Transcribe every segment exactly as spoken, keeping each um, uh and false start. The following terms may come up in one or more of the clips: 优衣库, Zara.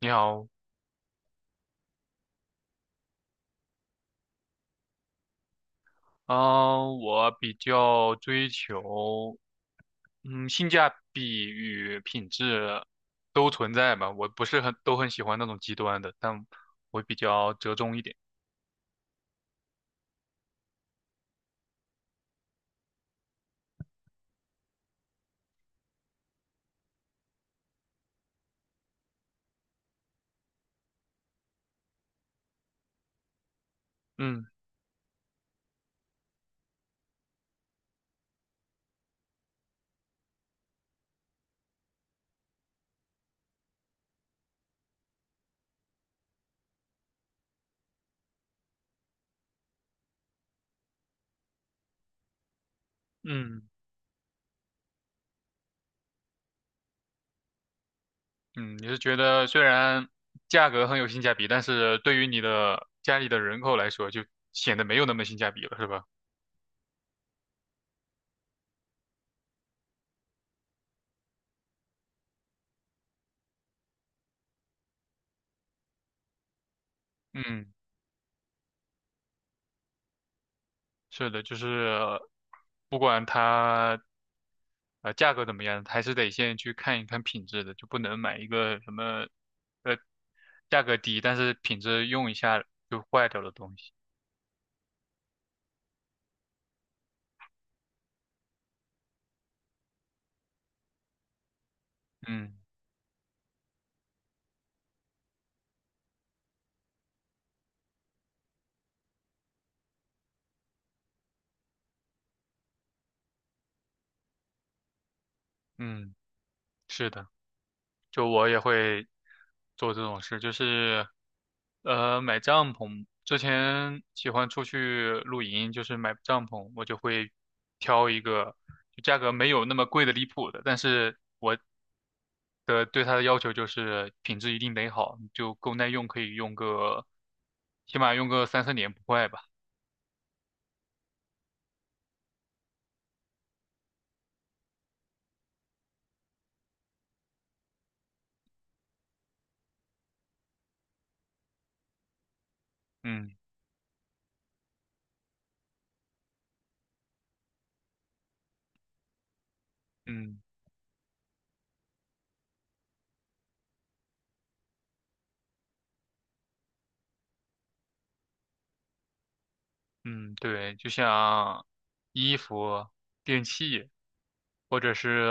你好，嗯、我比较追求，嗯，性价比与品质都存在吧。我不是很都很喜欢那种极端的，但我比较折中一点。嗯嗯嗯，你是觉得虽然价格很有性价比，但是对于你的家里的人口来说，就显得没有那么性价比了，是吧？嗯。是的，就是不管它呃价格怎么样，还是得先去看一看品质的，就不能买一个什么呃价格低，但是品质用一下就坏掉的东西。嗯嗯，是的，就我也会做这种事，就是呃买帐篷，之前喜欢出去露营，就是买帐篷，我就会挑一个就价格没有那么贵的离谱的，但是的对它的要求就是品质一定得好，就够耐用，可以用个，起码用个三四年不坏吧。嗯嗯嗯，对，就像衣服、电器或者是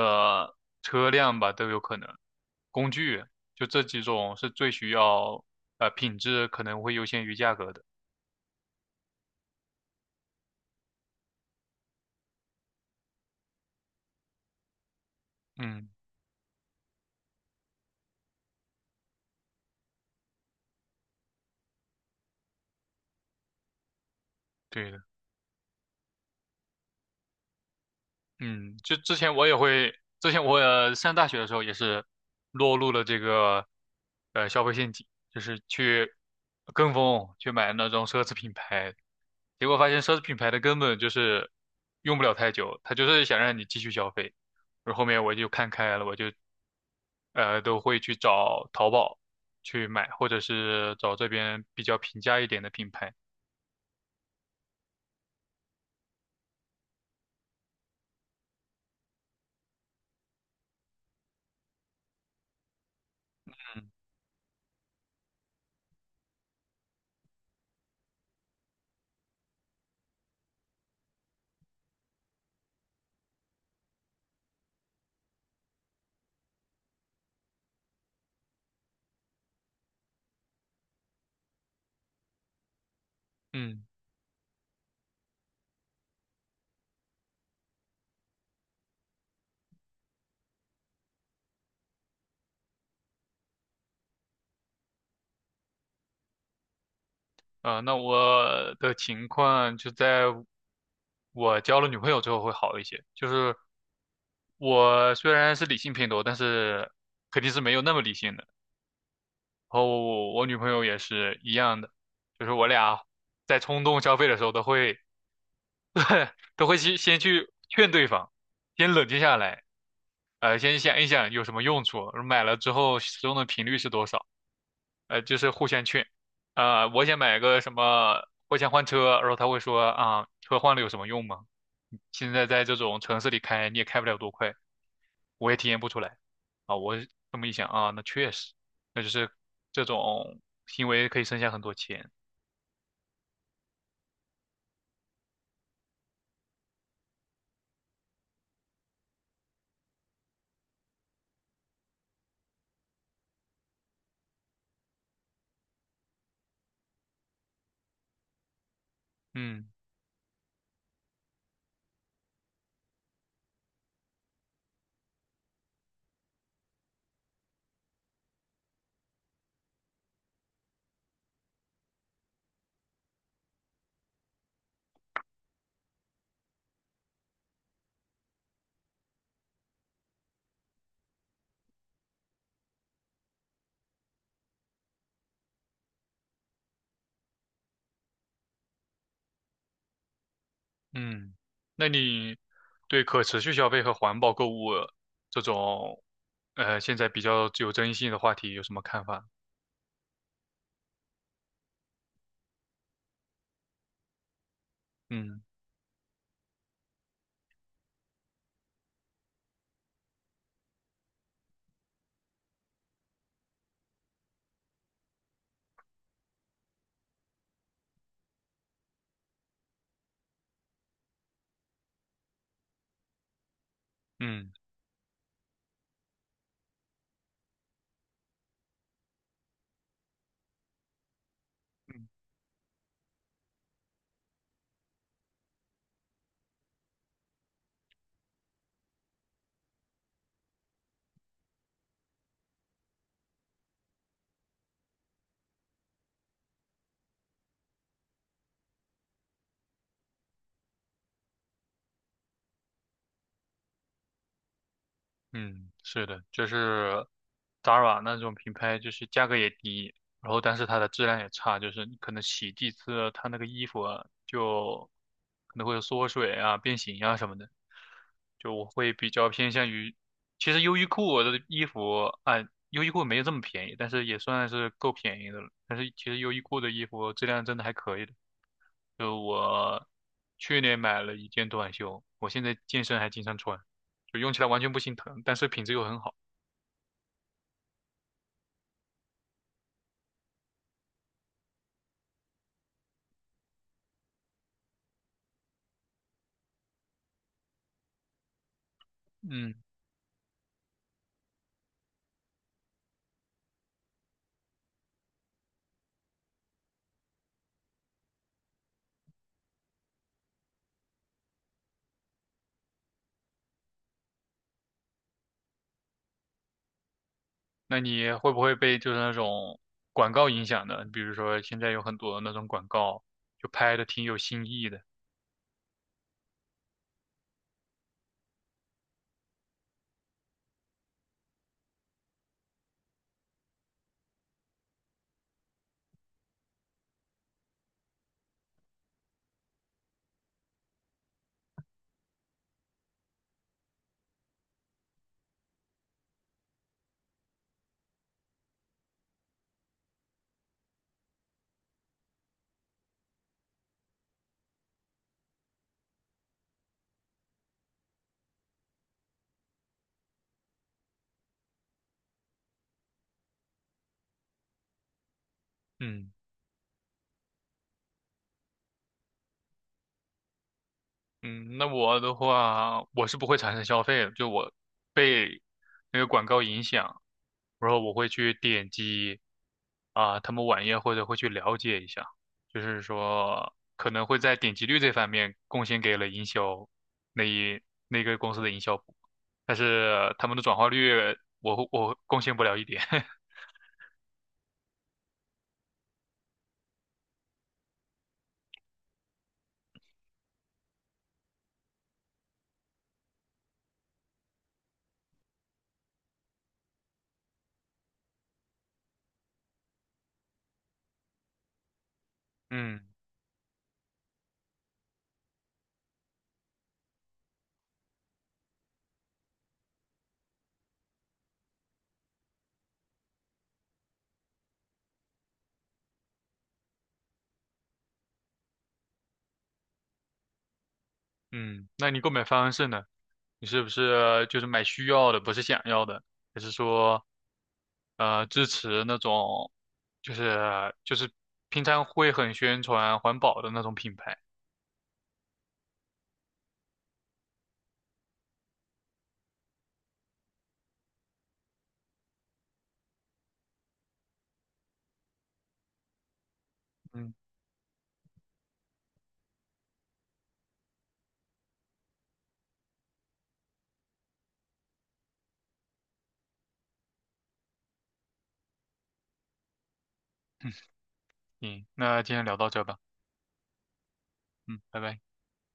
车辆吧，都有可能。工具就这几种是最需要呃品质可能会优先于价格的。嗯，对的。嗯，就之前我也会，之前我也上大学的时候也是落入了这个呃消费陷阱，就是去跟风去买那种奢侈品牌，结果发现奢侈品牌的根本就是用不了太久，他就是想让你继续消费。然后后面我就看开了，我就呃都会去找淘宝去买，或者是找这边比较平价一点的品牌。嗯。啊，那我的情况就在我交了女朋友之后会好一些。就是我虽然是理性偏多，但是肯定是没有那么理性的。然后我女朋友也是一样的，就是我俩在冲动消费的时候都会都会先先去劝对方，先冷静下来，呃，先想一想有什么用处，买了之后使用的频率是多少。呃，就是互相劝，呃，我想买个什么，我想换车，然后他会说啊，车换了有什么用吗？现在在这种城市里开，你也开不了多快，我也体验不出来。啊，我这么一想啊，那确实，那就是这种行为可以省下很多钱。嗯嗯，那你对可持续消费和环保购物这种，呃，现在比较具有争议性的话题有什么看法？嗯嗯。嗯，是的，就是 Zara 那种品牌，就是价格也低，然后但是它的质量也差，就是你可能洗几次，它那个衣服啊就可能会有缩水啊、变形啊什么的。就我会比较偏向于，其实优衣库的衣服啊，优衣库没有这么便宜，但是也算是够便宜的了。但是其实优衣库的衣服质量真的还可以的。就我去年买了一件短袖，我现在健身还经常穿。就用起来完全不心疼，但是品质又很好。嗯，那你会不会被就是那种广告影响呢？比如说现在有很多那种广告，就拍的挺有新意的。嗯。嗯，那我的话，我是不会产生消费的，就我被那个广告影响，然后我会去点击啊、他们网页或者会去了解一下，就是说可能会在点击率这方面贡献给了营销那一那个公司的营销部，但是他们的转化率我会我贡献不了一点。嗯嗯，那你购买方式呢？你是不是就是买需要的，不是想要的？还是说？呃支持那种就是就是平常会很宣传环保的那种品牌。嗯，行，那今天聊到这吧。嗯，拜拜。